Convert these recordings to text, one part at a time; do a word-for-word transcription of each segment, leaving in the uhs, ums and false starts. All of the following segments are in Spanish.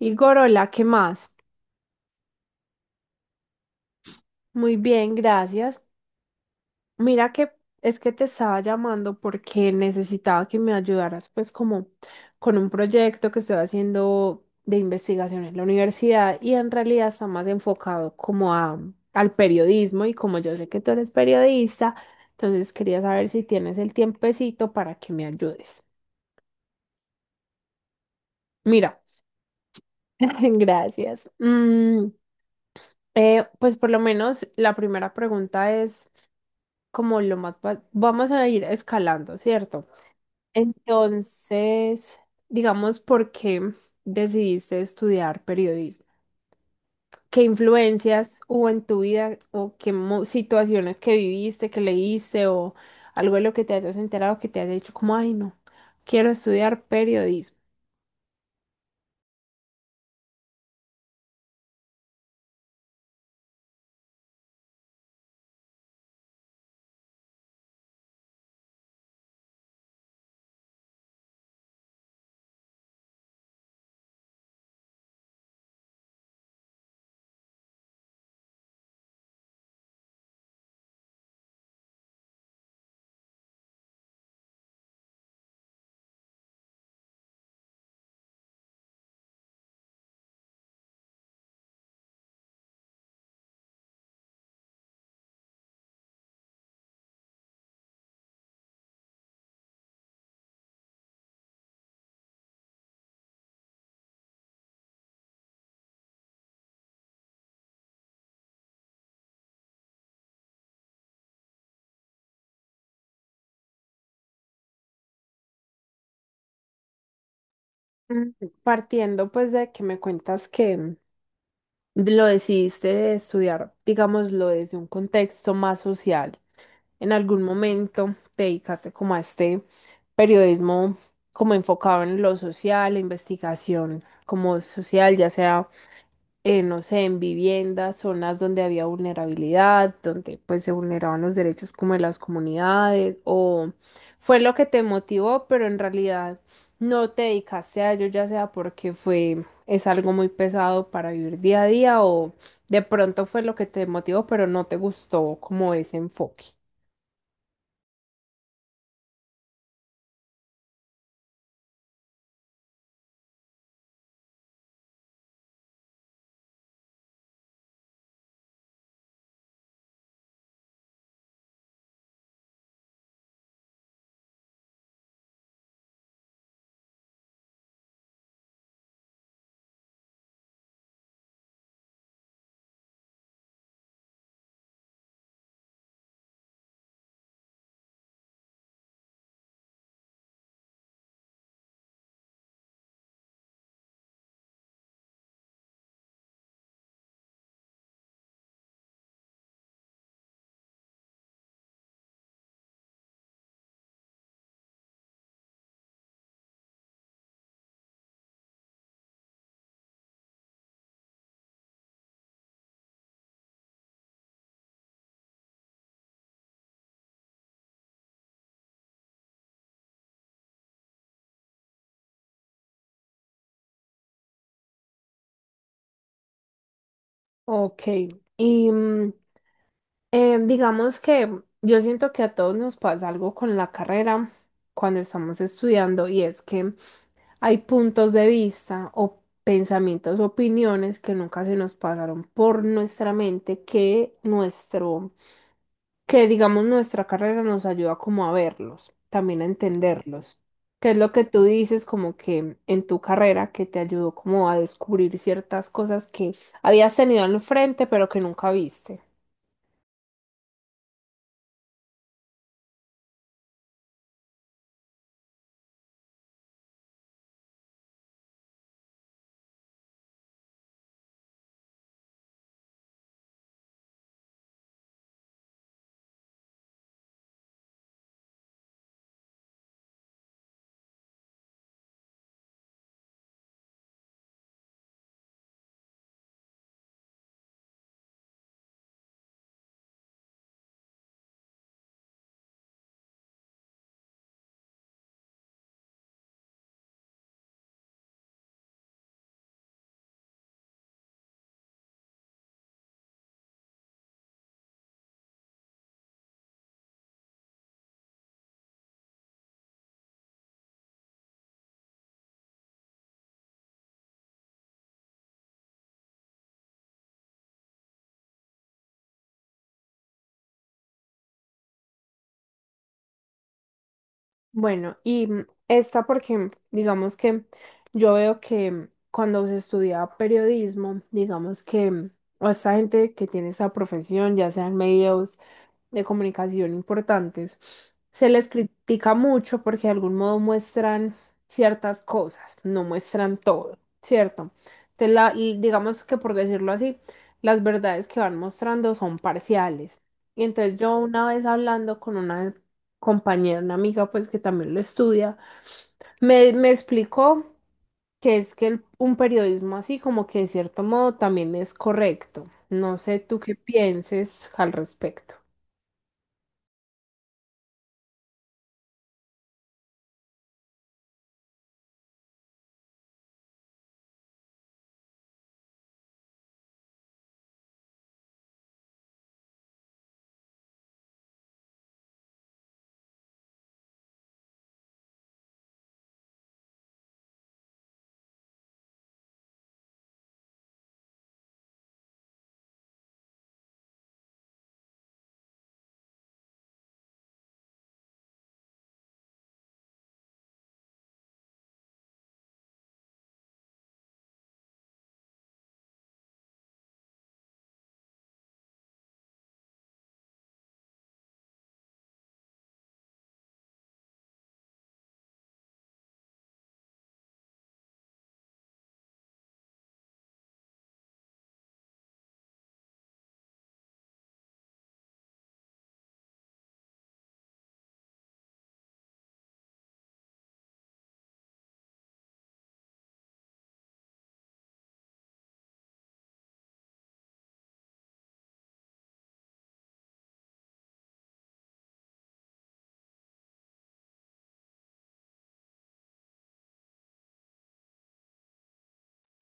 Y Gorola, ¿qué más? Muy bien, gracias. Mira que es que te estaba llamando porque necesitaba que me ayudaras, pues como con un proyecto que estoy haciendo de investigación en la universidad y en realidad está más enfocado como a, al periodismo, y como yo sé que tú eres periodista, entonces quería saber si tienes el tiempecito para que me ayudes. Mira, gracias. Mm, eh, pues por lo menos la primera pregunta es... como lo más... ba- Vamos a ir escalando, ¿cierto? Entonces, digamos, ¿por qué decidiste estudiar periodismo? ¿Qué influencias hubo en tu vida o qué mo- situaciones que viviste, que leíste o algo de lo que te hayas enterado que te haya dicho como, ay, no, quiero estudiar periodismo? Mm, Partiendo pues de que me cuentas que lo decidiste estudiar, digámoslo, desde un contexto más social. En algún momento te dedicaste como a este periodismo, como enfocado en lo social, la investigación como social, ya sea, eh, no sé, en viviendas, zonas donde había vulnerabilidad, donde pues se vulneraban los derechos como de las comunidades, o fue lo que te motivó, pero en realidad no te dedicaste a ello, ya sea porque fue, es algo muy pesado para vivir día a día, o de pronto fue lo que te motivó, pero no te gustó como ese enfoque. Ok, y mm, Eh, digamos que yo siento que a todos nos pasa algo con la carrera cuando estamos estudiando, y es que hay puntos de vista o pensamientos, opiniones que nunca se nos pasaron por nuestra mente, que nuestro, que digamos nuestra carrera nos ayuda como a verlos, también a entenderlos. ¿Qué es lo que tú dices como que en tu carrera que te ayudó como a descubrir ciertas cosas que habías tenido al frente pero que nunca viste? Bueno, y mm, esta porque digamos que yo veo que cuando se estudia periodismo, digamos que mm, o esta gente que tiene esa profesión, ya sean medios de comunicación importantes, se les critica mucho porque de algún modo muestran ciertas cosas, no muestran todo, ¿cierto? Entonces, la- l- digamos que, por decirlo así, las verdades que van mostrando son parciales. Y entonces yo una vez hablando con una compañera, una amiga, pues que también lo estudia, me, me explicó que es que el- un periodismo así como que de cierto modo también es correcto. No sé tú qué pienses al respecto.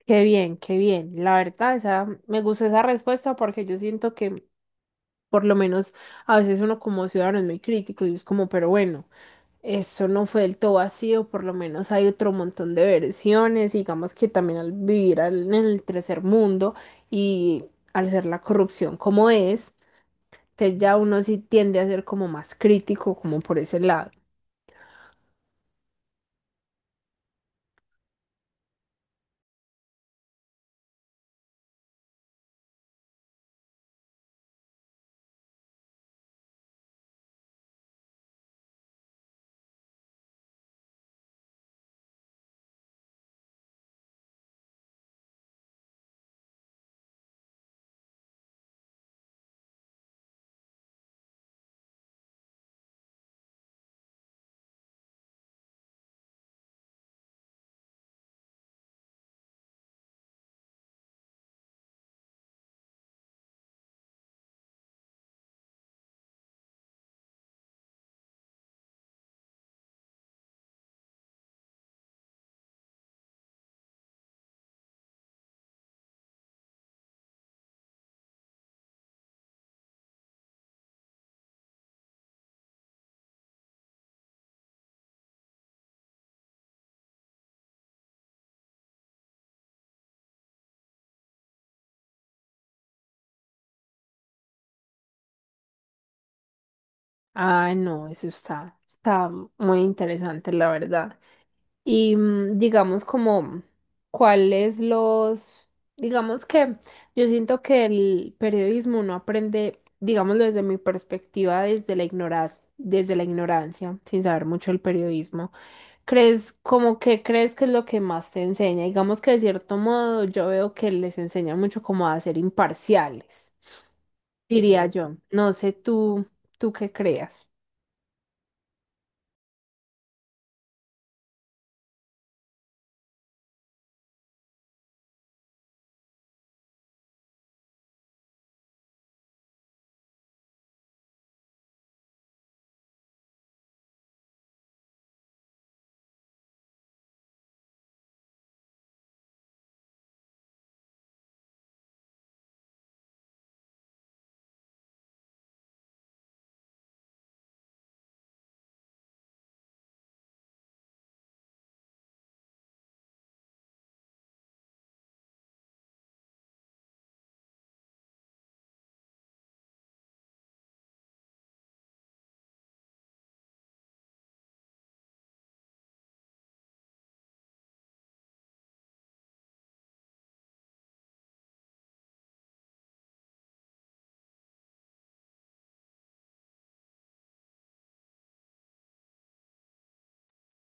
Qué bien, qué bien. La verdad, esa, me gusta esa respuesta porque yo siento que, por lo menos a veces, uno como ciudadano es muy crítico y es como, pero bueno, esto no fue del todo vacío, por lo menos hay otro montón de versiones, digamos que también al vivir al- en el tercer mundo, y al ser la corrupción como es, que ya uno sí tiende a ser como más crítico, como por ese lado. Ah, no, eso está, está muy interesante, la verdad. Y mm, digamos como cuáles los, digamos que yo siento que el periodismo no aprende, digámoslo desde mi perspectiva, desde la ignorancia, desde la ignorancia, sin saber mucho el periodismo. ¿Crees como que crees que es lo que más te enseña? Digamos que de cierto modo yo veo que les enseña mucho como a ser imparciales, diría yo. No sé tú, tú qué creas.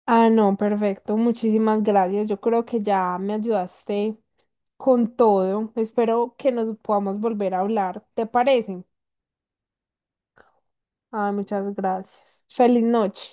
Ah, no, perfecto. Muchísimas gracias. Yo creo que ya me ayudaste con todo. Espero que nos podamos volver a hablar. ¿Te parece? Ay, muchas gracias. Feliz noche.